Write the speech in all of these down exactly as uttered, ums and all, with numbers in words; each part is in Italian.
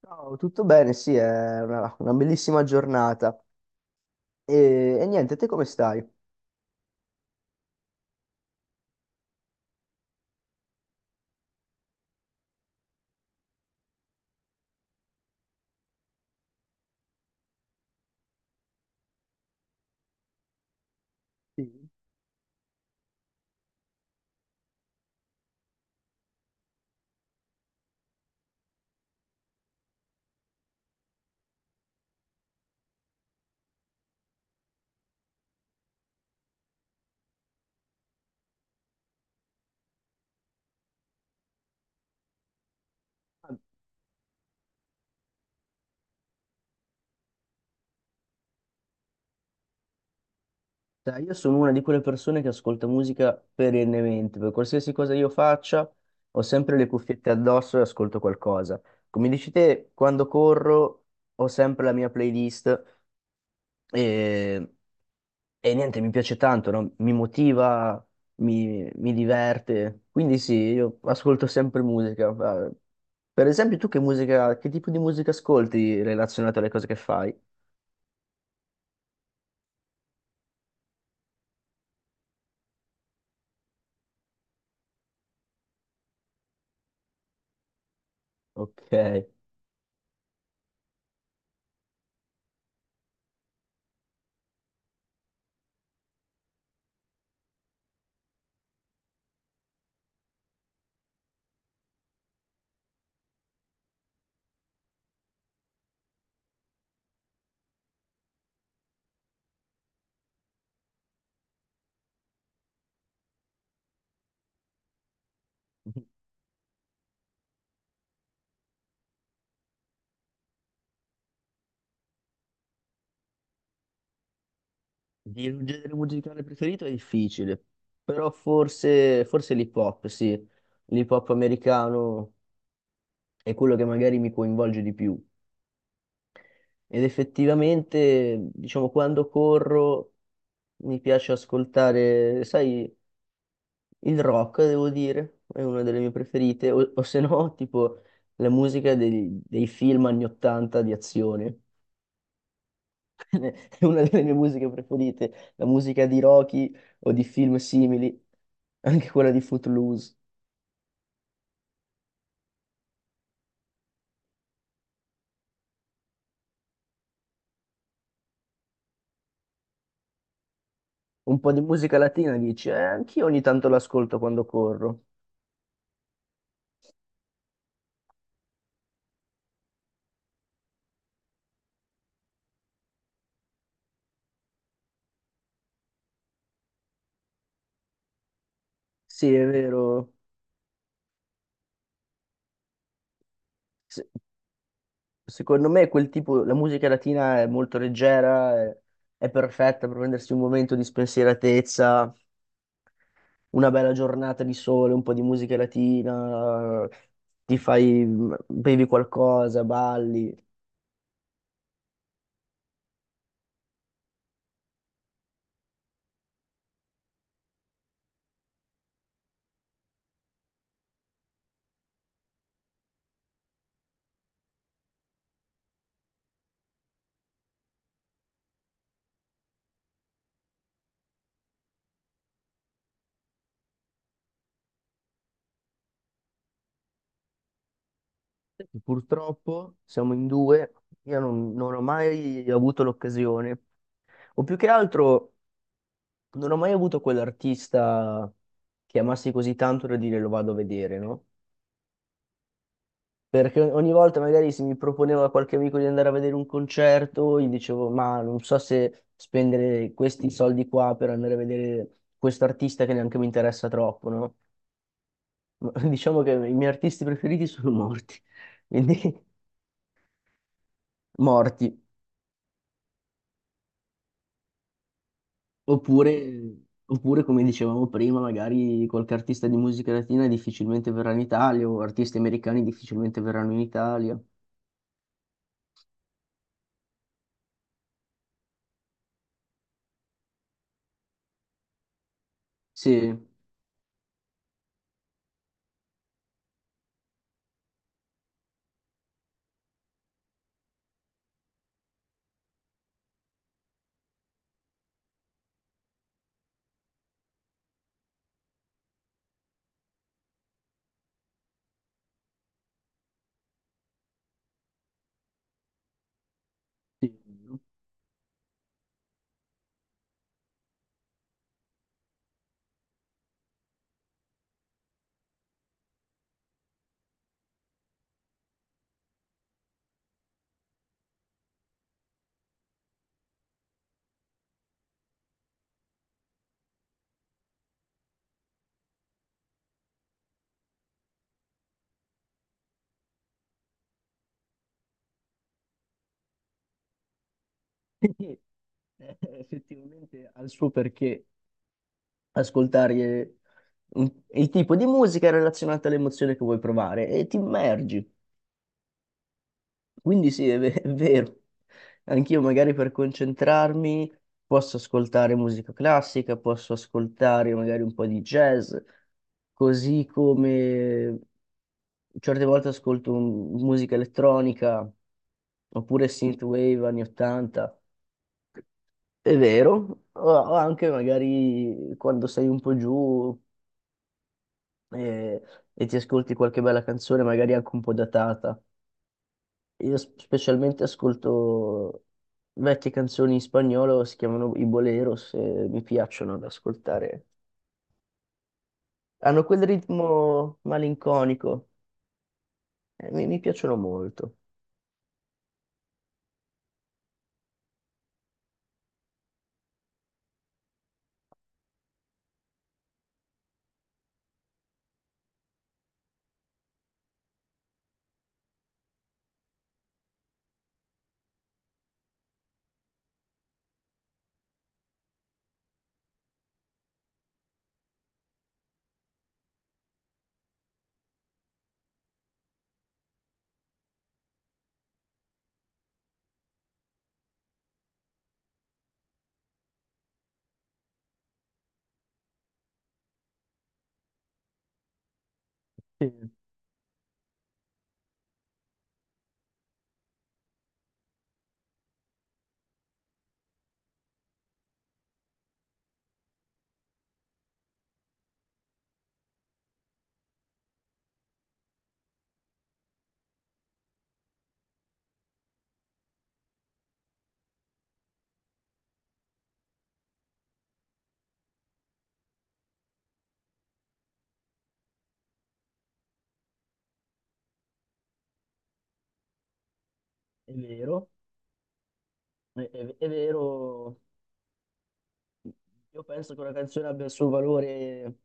Ciao, tutto bene? Sì, è una, una bellissima giornata. E, e niente, te come stai? Sì. Dai, io sono una di quelle persone che ascolta musica perennemente, per qualsiasi cosa io faccia, ho sempre le cuffiette addosso e ascolto qualcosa. Come dici te, quando corro ho sempre la mia playlist e, e niente, mi piace tanto, no? Mi motiva, mi, mi diverte. Quindi sì, io ascolto sempre musica. Eh, Per esempio, tu che musica, che tipo di musica ascolti relazionato alle cose che fai? Ok. Il genere musicale preferito è difficile, però forse, forse l'hip hop, sì. L'hip hop americano è quello che magari mi coinvolge di più. Ed effettivamente, diciamo, quando corro mi piace ascoltare, sai. Il rock, devo dire, è una delle mie preferite, o, o se no, tipo la musica dei, dei film anni ottanta di azione, è una delle mie musiche preferite, la musica di Rocky o di film simili, anche quella di Footloose. Un po' di musica latina dici, eh, anch'io ogni tanto l'ascolto quando corro. Sì, è vero. Se- Secondo me quel tipo, la musica latina è molto leggera, è, è perfetta per prendersi un momento di spensieratezza. Una bella giornata di sole, un po' di musica latina, ti fai, mhmm, bevi qualcosa, balli. Purtroppo siamo in due, io non, non ho mai avuto l'occasione, o più che altro non ho mai avuto quell'artista che amassi così tanto da dire lo vado a vedere, no? Perché ogni volta magari se mi proponeva qualche amico di andare a vedere un concerto, gli dicevo, ma non so se spendere questi soldi qua per andare a vedere questo artista che neanche mi interessa troppo, no? Ma diciamo che i miei artisti preferiti sono morti, quindi morti. Oppure, oppure, come dicevamo prima, magari qualche artista di musica latina difficilmente verrà in Italia, o artisti americani difficilmente verranno in Italia. Sì, sì. Effettivamente ha il suo perché. Ascoltare un- il tipo di musica relazionata all'emozione che vuoi provare e ti immergi. Quindi sì, è, ve- è vero. Anch'io magari per concentrarmi posso ascoltare musica classica, posso ascoltare magari un po' di jazz, così come certe volte ascolto un- musica elettronica oppure synthwave anni ottanta. È vero, o o anche magari quando sei un po' giù e, e ti ascolti qualche bella canzone, magari anche un po' datata. Io s- specialmente ascolto vecchie canzoni in spagnolo, si chiamano i boleros, e mi piacciono da ascoltare. Hanno quel ritmo malinconico, eh, mi, mi piacciono molto. Sì, è vero, è, è- è vero. Io penso che una canzone abbia il suo valore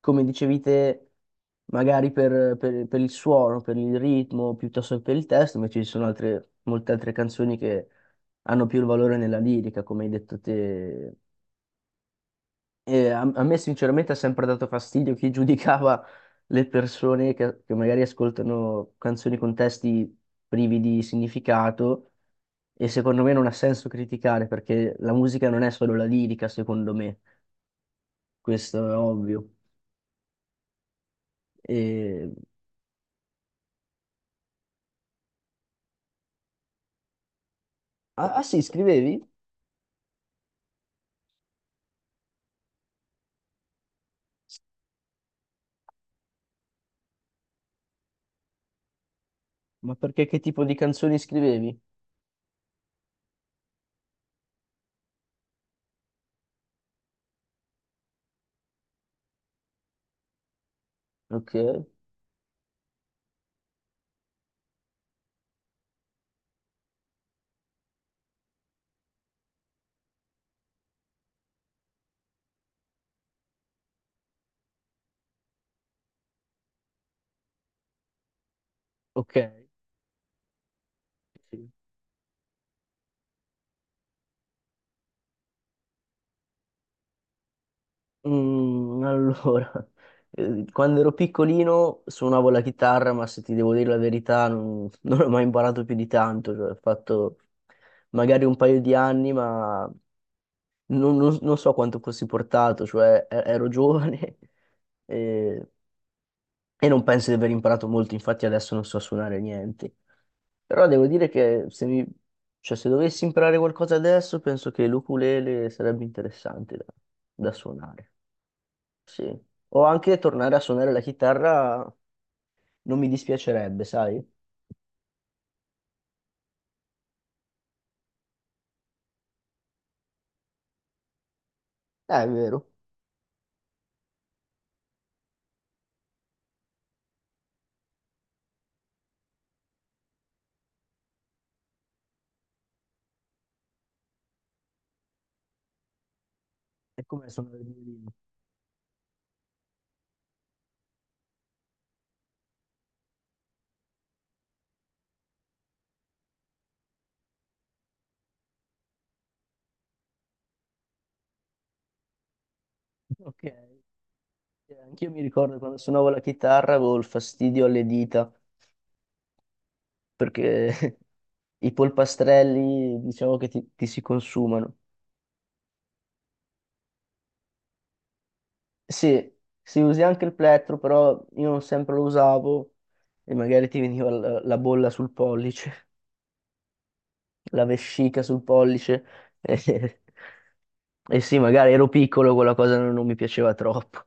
come dicevi te, magari per, per- per il suono, per il ritmo, piuttosto che per il testo, invece ci sono altre, molte altre canzoni che hanno più il valore nella lirica, come hai detto te. E a, a me sinceramente ha sempre dato fastidio chi giudicava le persone che, che magari ascoltano canzoni con testi privi di significato e secondo me non ha senso criticare perché la musica non è solo la lirica, secondo me, questo è ovvio. E... Ah, ah sì, scrivevi? Ma perché che tipo di canzoni scrivevi? Ok, ok. Sì. Mm, allora, eh, quando ero piccolino suonavo la chitarra, ma se ti devo dire la verità non, non ho mai imparato più di tanto, cioè, ho fatto magari un paio di anni, ma non, non- non so quanto fossi portato, cioè e- ero giovane, e e non penso di aver imparato molto, infatti adesso non so suonare niente. Però devo dire che se mi... Cioè, se dovessi imparare qualcosa adesso, penso che l'ukulele sarebbe interessante da, da suonare. Sì. O anche tornare a suonare la chitarra non mi dispiacerebbe, sai? Eh, è vero. È come suonare il violino. Ok. Eh, anch'io mi ricordo quando suonavo la chitarra avevo il fastidio alle dita, perché i polpastrelli diciamo che ti ti si consumano. Sì, si usi anche il plettro, però io non sempre lo usavo e magari ti veniva la, la bolla sul pollice, la vescica sul pollice. E, e sì, magari ero piccolo, quella cosa non, non mi piaceva troppo.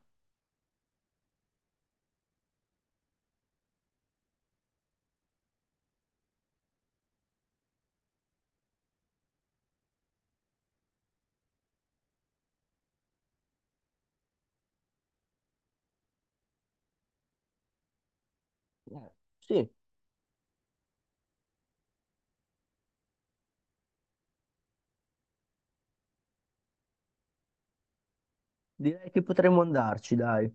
Eh, Sì, direi che potremmo andarci, dai.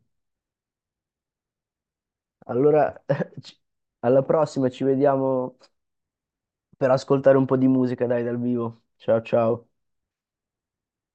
Allora, ci- alla prossima, ci vediamo per ascoltare un po' di musica, dai, dal vivo. Ciao, ciao.